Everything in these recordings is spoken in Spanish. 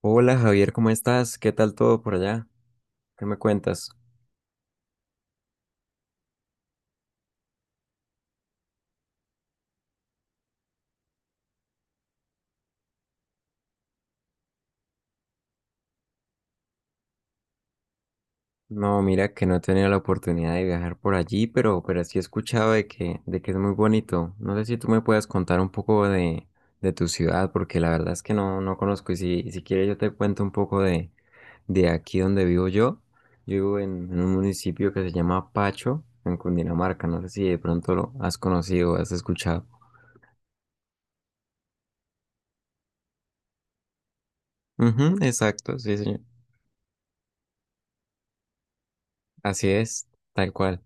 Hola Javier, ¿cómo estás? ¿Qué tal todo por allá? ¿Qué me cuentas? No, mira que no he tenido la oportunidad de viajar por allí, pero sí he escuchado de que es muy bonito. No sé si tú me puedes contar un poco de tu ciudad, porque la verdad es que no, no conozco. Y si quieres yo te cuento un poco de aquí donde vivo yo. Yo vivo en un municipio que se llama Pacho, en Cundinamarca. No sé si de pronto lo has conocido o has escuchado. Ujú, exacto, sí, señor. Así es, tal cual.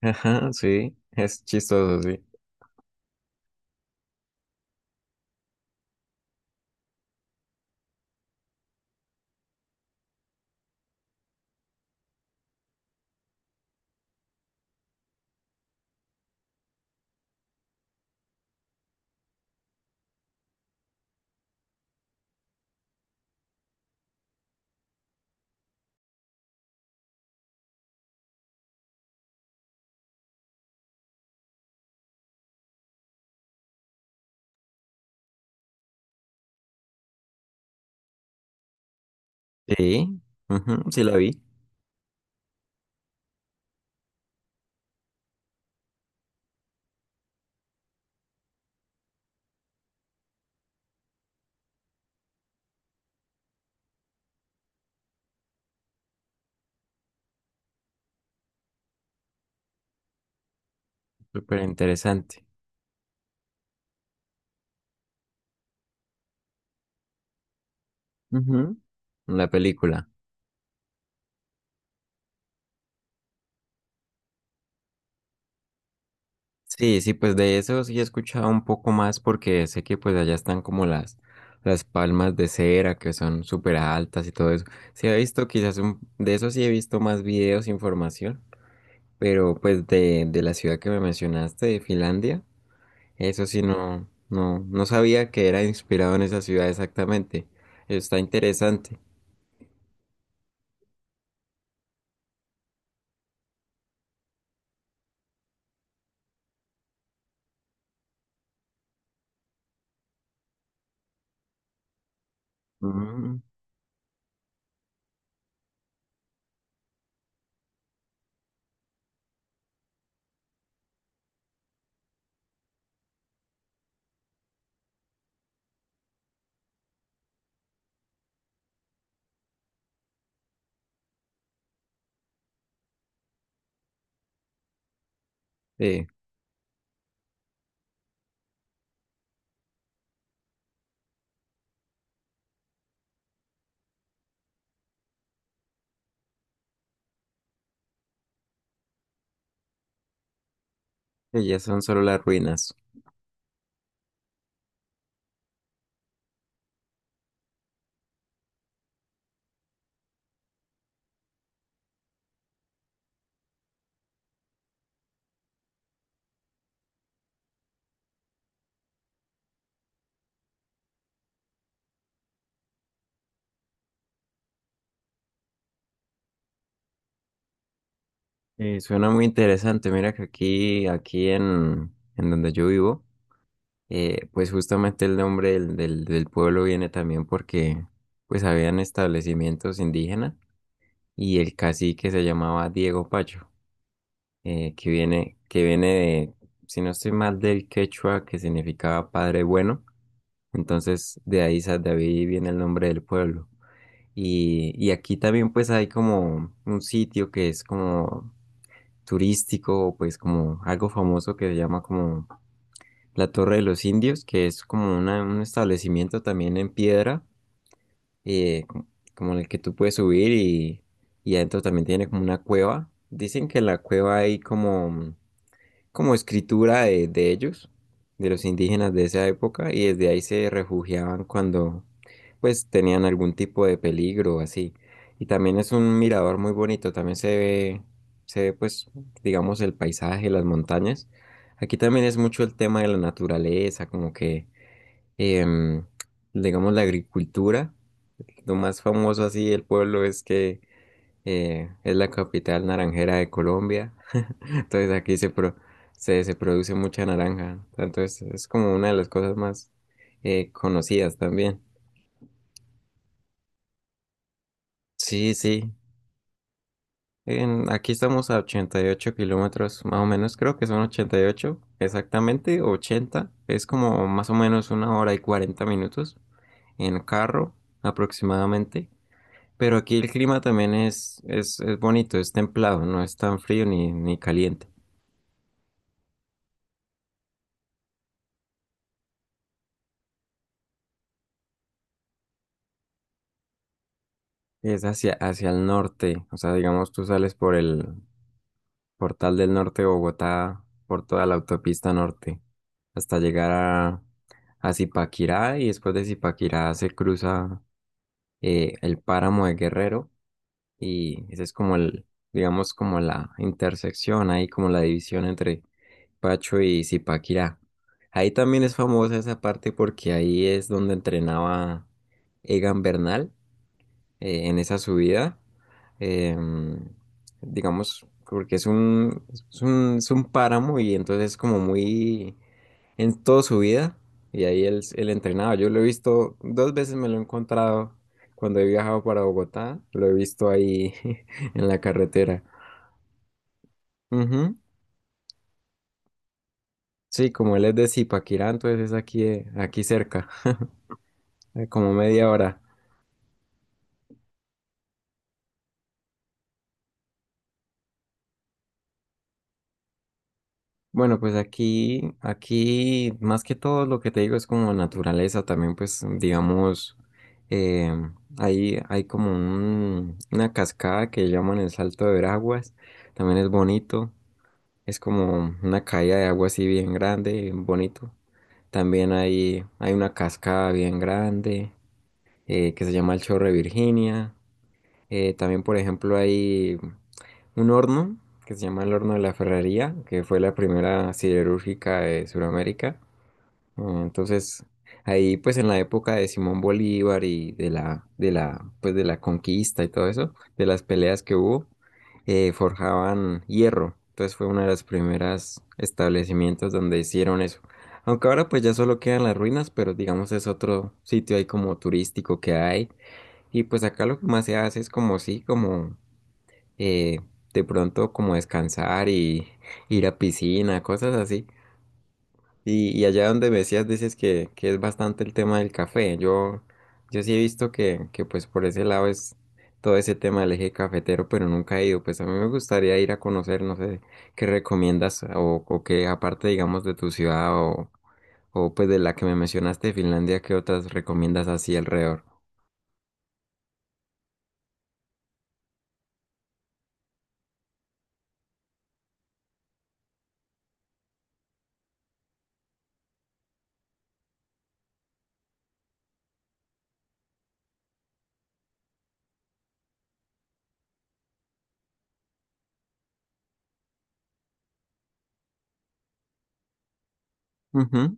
Ajá, sí, es chistoso, sí. Sí, ujú, sí la vi. Súper interesante. Ujú, la película. Sí, sí, pues de eso sí he escuchado un poco más porque sé que pues allá están como las palmas de cera que son súper altas y todo eso. Sí he visto de eso sí he visto más videos, información, pero pues de la ciudad que me mencionaste, de Finlandia, eso sí no, no, no sabía que era inspirado en esa ciudad exactamente. Está interesante. Ujú. Sí, que ya son solo las ruinas. Suena muy interesante. Mira que aquí en donde yo vivo, pues justamente el nombre del pueblo viene también porque pues habían establecimientos indígenas y el cacique se llamaba Diego Pacho, que viene si no estoy mal, del quechua que significaba padre bueno. Entonces de ahí, de ahí viene el nombre del pueblo. Y aquí también pues hay como un sitio que es como turístico, pues como algo famoso que se llama como la Torre de los Indios, que es como un establecimiento también en piedra, eh, co- como en el que tú puedes subir y, adentro también tiene como una cueva. Dicen que en la cueva hay como escritura de ellos, de los indígenas de esa época, y desde ahí se refugiaban cuando pues tenían algún tipo de peligro o así. Y también es un mirador muy bonito, también se ve pues digamos el paisaje, las montañas. Aquí también es mucho el tema de la naturaleza, como que em, digamos la agricultura. Lo más famoso así del pueblo es que es la capital naranjera de Colombia. Entonces aquí se produce mucha naranja. Entonces es como una de las cosas más conocidas también. Sí, sí. Aquí estamos a 88 kilómetros, más o menos, creo que son 88 exactamente, 80. Es como más o menos una hora y 40 minutos en carro aproximadamente. Pero aquí el clima también es bonito, es templado, no es tan frío ni caliente. Es hacia el norte, o sea, digamos, tú sales por el Portal del Norte de Bogotá por toda la autopista norte hasta llegar a Zipaquirá y después de Zipaquirá se cruza el páramo de Guerrero y ese es como el, digamos, como la intersección ahí, como la división entre Pacho y Zipaquirá. Ahí también es famosa esa parte porque ahí es donde entrenaba Egan Bernal en esa subida. em, digamos, porque es un páramo y entonces es como muy en toda su vida. Y ahí él entrenaba. Yo lo he visto dos veces, me lo he encontrado cuando he viajado para Bogotá. Lo he visto ahí en la carretera. Ujú. Sí, como él es de Zipaquirá, entonces es aquí cerca, como media hora. Bueno, pues aquí más que todo lo que te digo es como naturaleza también, pues digamos, eh, hay como una cascada que llaman el Salto de Veraguas, también es bonito, es como una caída de agua así bien grande, bien bonito. También hay una cascada bien grande que se llama el Chorro de Virginia. También, por ejemplo, hay un horno que se llama el horno de la Ferrería, que fue la primera siderúrgica de Sudamérica. Entonces, ahí pues en la época de Simón Bolívar y pues de la conquista y todo eso, de las peleas que hubo, forjaban hierro. Entonces fue uno de los primeros establecimientos donde hicieron eso. Aunque ahora pues ya solo quedan las ruinas, pero digamos es otro sitio ahí como turístico que hay. Y pues acá lo que más se hace es como sí, como eh, de pronto como descansar y ir a piscina, cosas así. Y allá donde me decías, dices que es bastante el tema del café. Yo sí he visto que pues por ese lado es todo ese tema del eje cafetero, pero nunca he ido. Pues a mí me gustaría ir a conocer, no sé, qué recomiendas o qué aparte, digamos, de tu ciudad o pues de la que me mencionaste, de Finlandia, qué otras recomiendas así alrededor. Ujú,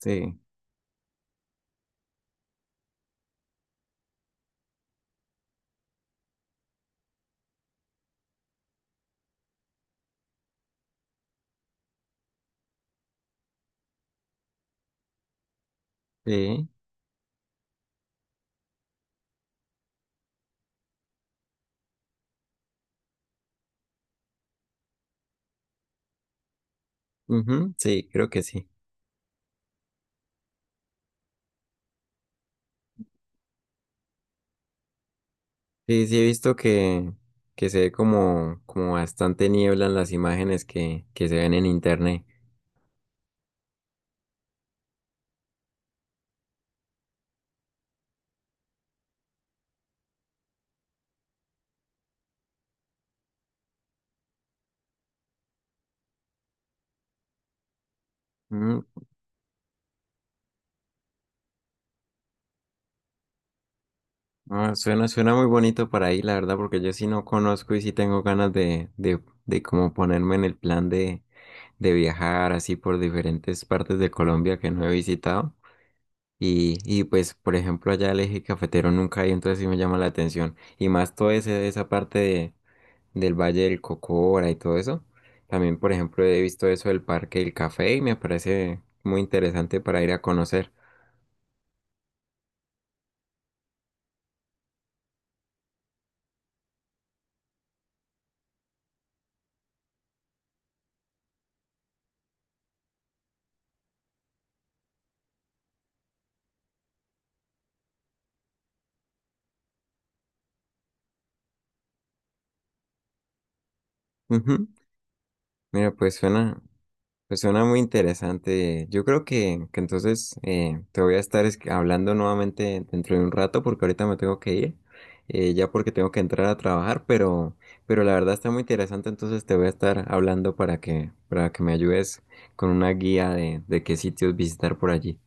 sí, sí, ujú, sí, creo que sí. Sí, sí he visto que, se ve como bastante niebla en las imágenes que se ven en internet. Mm, ah, suena muy bonito para ahí, la verdad, porque yo sí no conozco y sí tengo ganas de como ponerme en el plan de viajar así por diferentes partes de Colombia que no he visitado. Y pues, por ejemplo, allá el eje cafetero nunca hay, entonces sí me llama la atención. Y más toda esa parte del Valle del Cocora y todo eso. También, por ejemplo, he visto eso del Parque del Café y me parece muy interesante para ir a conocer. Ujú. Mira, pues pues suena muy interesante. Yo creo que entonces te voy a estar hablando nuevamente dentro de un rato porque ahorita me tengo que ir, ya porque tengo que entrar a trabajar, pero la verdad está muy interesante, entonces te voy a estar hablando para que me ayudes con una guía de qué sitios visitar por allí.